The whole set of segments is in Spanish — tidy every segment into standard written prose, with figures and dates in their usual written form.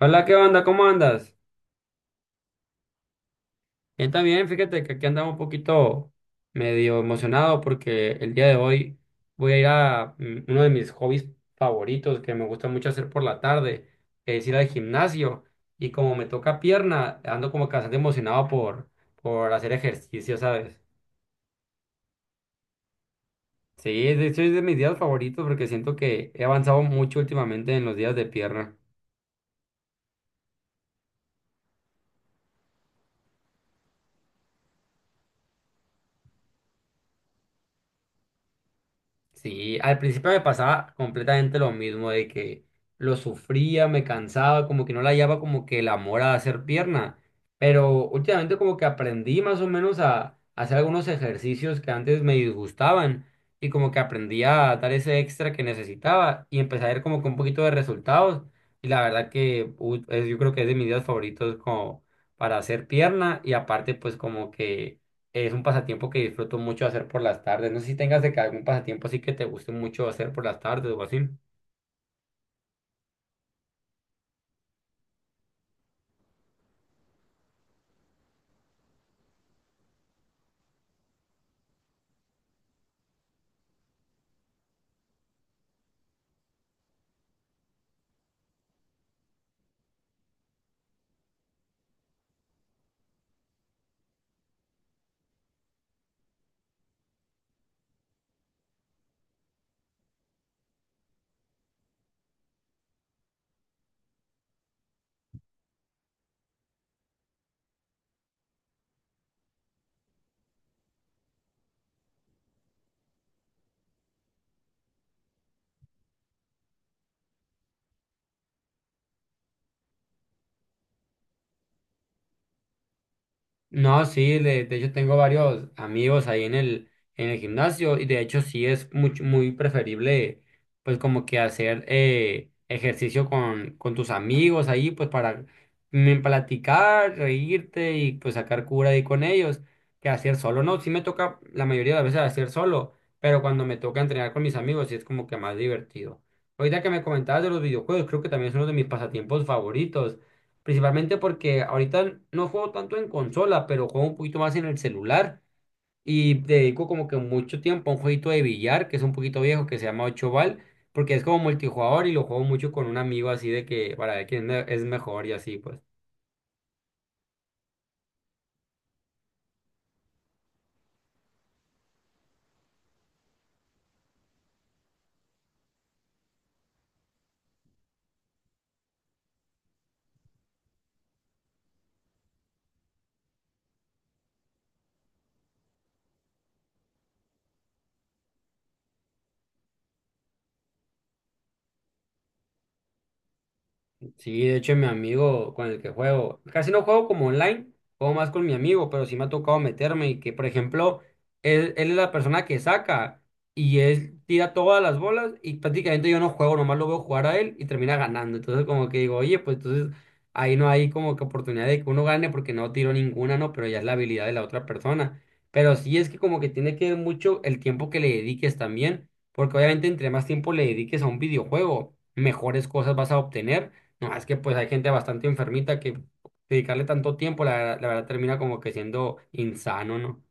Hola, ¿qué onda? ¿Cómo andas? Bien, también, fíjate que aquí andaba un poquito medio emocionado porque el día de hoy voy a ir a uno de mis hobbies favoritos que me gusta mucho hacer por la tarde, que es ir al gimnasio. Y como me toca pierna, ando como que bastante emocionado por hacer ejercicio, ¿sabes? Sí, de hecho es de mis días favoritos porque siento que he avanzado mucho últimamente en los días de pierna. Sí, al principio me pasaba completamente lo mismo, de que lo sufría, me cansaba, como que no le hallaba como que el amor a hacer pierna, pero últimamente como que aprendí más o menos a, hacer algunos ejercicios que antes me disgustaban y como que aprendí a dar ese extra que necesitaba y empecé a ver como que un poquito de resultados y la verdad que yo creo que es de mis días favoritos como para hacer pierna y aparte pues como que... Es un pasatiempo que disfruto mucho hacer por las tardes. No sé si tengas de que algún pasatiempo así que te guste mucho hacer por las tardes o así. No, sí, de hecho tengo varios amigos ahí en el gimnasio y de hecho sí es mucho, muy preferible pues como que hacer ejercicio con tus amigos ahí pues para platicar, reírte y pues sacar cura ahí con ellos que hacer solo. No, sí me toca la mayoría de las veces hacer solo, pero cuando me toca entrenar con mis amigos sí es como que más divertido. Ahorita que me comentabas de los videojuegos, creo que también es uno de mis pasatiempos favoritos. Principalmente porque ahorita no juego tanto en consola, pero juego un poquito más en el celular y dedico como que mucho tiempo a un jueguito de billar que es un poquito viejo que se llama Ocho Bal, porque es como multijugador y lo juego mucho con un amigo así de que para ver quién es mejor y así pues. Sí, de hecho, mi amigo con el que juego, casi no juego como online, juego más con mi amigo, pero sí me ha tocado meterme y que, por ejemplo, él es la persona que saca y él tira todas las bolas y prácticamente yo no juego, nomás lo veo jugar a él y termina ganando. Entonces, como que digo, oye, pues entonces ahí no hay como que oportunidad de que uno gane porque no tiro ninguna, ¿no? Pero ya es la habilidad de la otra persona. Pero sí es que como que tiene que ver mucho el tiempo que le dediques también, porque obviamente entre más tiempo le dediques a un videojuego, mejores cosas vas a obtener no, es que pues hay gente bastante enfermita que dedicarle tanto tiempo, la verdad termina como que siendo insano, ¿no?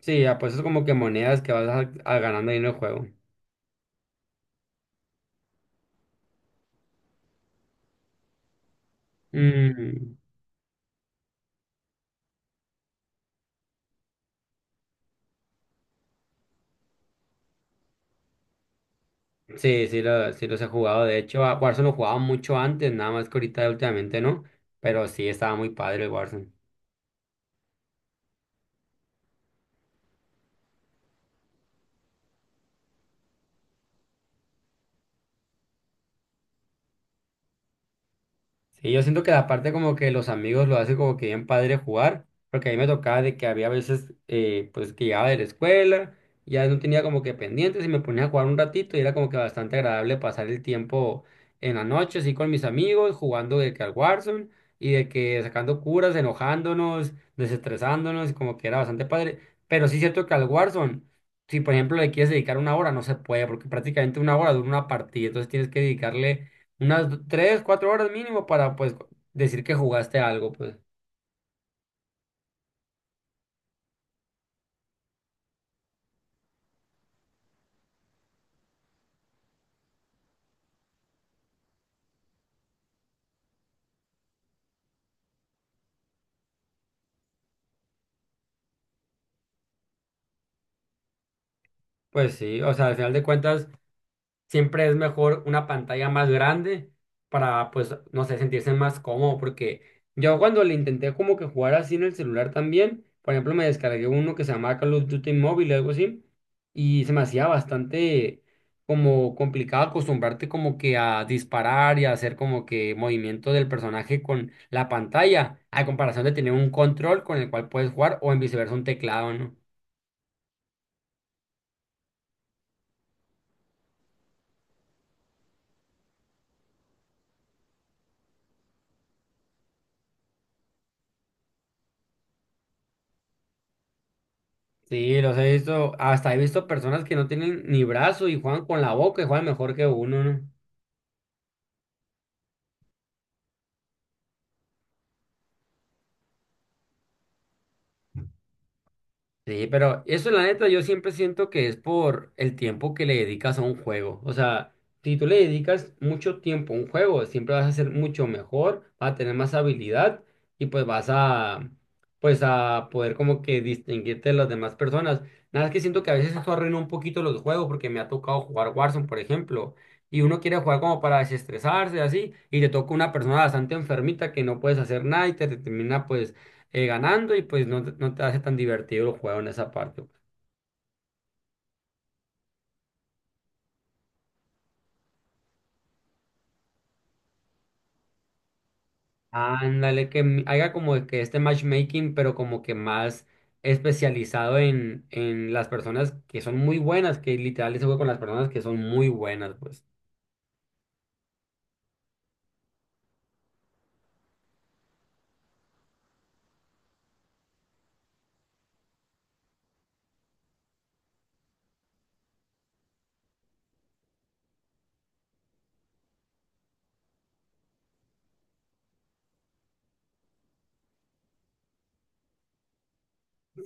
Sí, apuestas como que monedas que vas a ganando ahí en el juego. Mm, sí, sí, sí los he jugado. De hecho, a Warzone lo jugaba mucho antes, nada más que ahorita últimamente no. Pero sí, estaba muy padre el Warzone. Sí, yo siento que la parte como que los amigos lo hace como que bien padre jugar, porque a mí me tocaba de que había veces pues que llegaba de la escuela, ya no tenía como que pendientes y me ponía a jugar un ratito y era como que bastante agradable pasar el tiempo en la noche así con mis amigos, jugando de que al Warzone y de que sacando curas, enojándonos, desestresándonos, y como que era bastante padre. Pero sí es cierto que al Warzone, si por ejemplo le quieres dedicar una hora, no se puede, porque prácticamente una hora dura una partida, entonces tienes que dedicarle tres, cuatro horas mínimo para pues decir que jugaste algo, pues. Pues sí, o sea, al final de cuentas, siempre es mejor una pantalla más grande para, pues, no sé, sentirse más cómodo, porque yo cuando le intenté como que jugar así en el celular también, por ejemplo, me descargué uno que se llamaba Call of Duty Mobile o algo así, y se me hacía bastante como complicado acostumbrarte como que a disparar y a hacer como que movimiento del personaje con la pantalla, a comparación de tener un control con el cual puedes jugar o en viceversa un teclado, ¿no? Sí, los he visto, hasta he visto personas que no tienen ni brazo y juegan con la boca y juegan mejor que uno, ¿no? Sí, pero eso la neta yo siempre siento que es por el tiempo que le dedicas a un juego. O sea, si tú le dedicas mucho tiempo a un juego, siempre vas a ser mucho mejor, vas a tener más habilidad y pues pues a poder como que distinguirte de las demás personas. Nada más que siento que a veces eso arruina un poquito los juegos porque me ha tocado jugar Warzone, por ejemplo, y uno quiere jugar como para desestresarse así y te toca una persona bastante enfermita que no puedes hacer nada y te termina pues ganando y pues no, no te hace tan divertido el juego en esa parte. Ándale, haga como de que este matchmaking, pero como que más especializado en las personas que son muy buenas, que literal ese juego con las personas que son muy buenas, pues.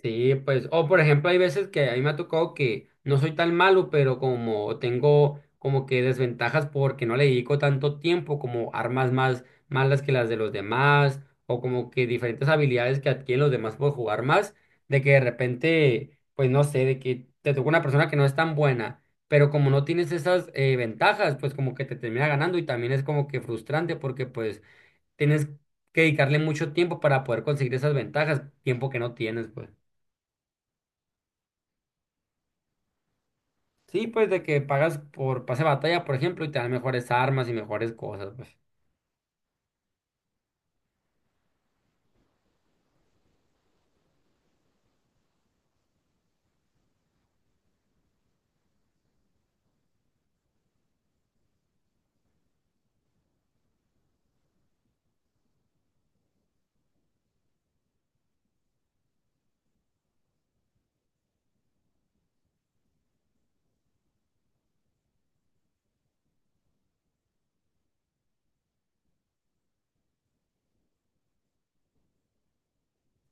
Sí, pues, o por ejemplo, hay veces que a mí me ha tocado que no soy tan malo, pero como tengo como que desventajas porque no le dedico tanto tiempo, como armas más malas que las de los demás, o como que diferentes habilidades que adquieren los demás por jugar más, de que de repente, pues no sé, de que te toca una persona que no es tan buena, pero como no tienes esas ventajas, pues como que te termina ganando y también es como que frustrante porque pues tienes que dedicarle mucho tiempo para poder conseguir esas ventajas, tiempo que no tienes, pues. Sí, pues de que pagas por pase de batalla, por ejemplo, y te dan mejores armas y mejores cosas, pues.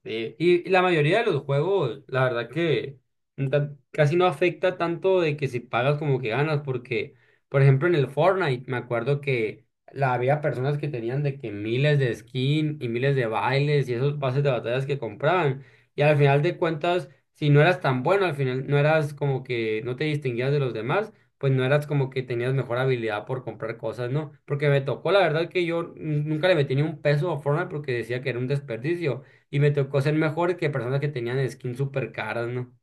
Sí, y la mayoría de los juegos, la verdad que casi no afecta tanto de que si pagas como que ganas, porque, por ejemplo, en el Fortnite, me acuerdo que había personas que tenían de que miles de skins y miles de bailes y esos pases de batallas que compraban. Y al final de cuentas, si no eras tan bueno, al final no eras como que no te distinguías de los demás, pues no eras como que tenías mejor habilidad por comprar cosas, ¿no? Porque me tocó, la verdad que yo nunca le metí ni un peso a Fortnite porque decía que era un desperdicio. Y me tocó ser mejor que personas que tenían skins súper caras, ¿no?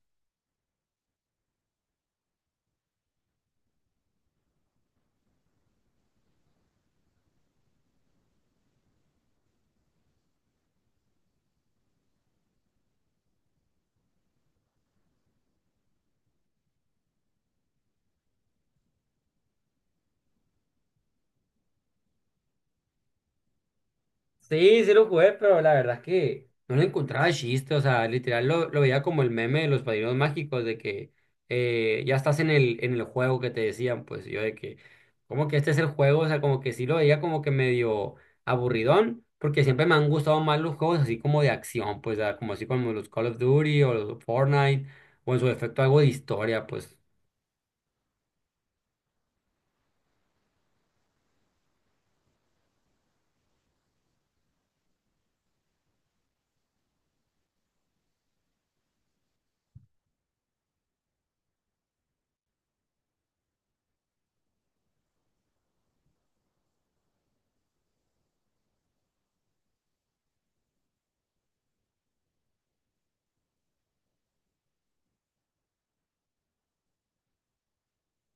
Sí, sí lo jugué, pero la verdad es que no le encontraba chiste, o sea, literal lo veía como el meme de los padrinos mágicos, de que ya estás en el juego que te decían, pues yo de que, como que este es el juego, o sea, como que sí lo veía como que medio aburridón, porque siempre me han gustado más los juegos así como de acción, pues como así como los Call of Duty o los Fortnite, o en su efecto algo de historia, pues.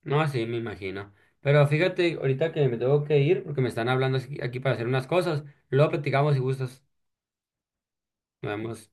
No, sí, me imagino. Pero fíjate, ahorita que me tengo que ir porque me están hablando aquí para hacer unas cosas. Luego platicamos si gustas. Nos vemos.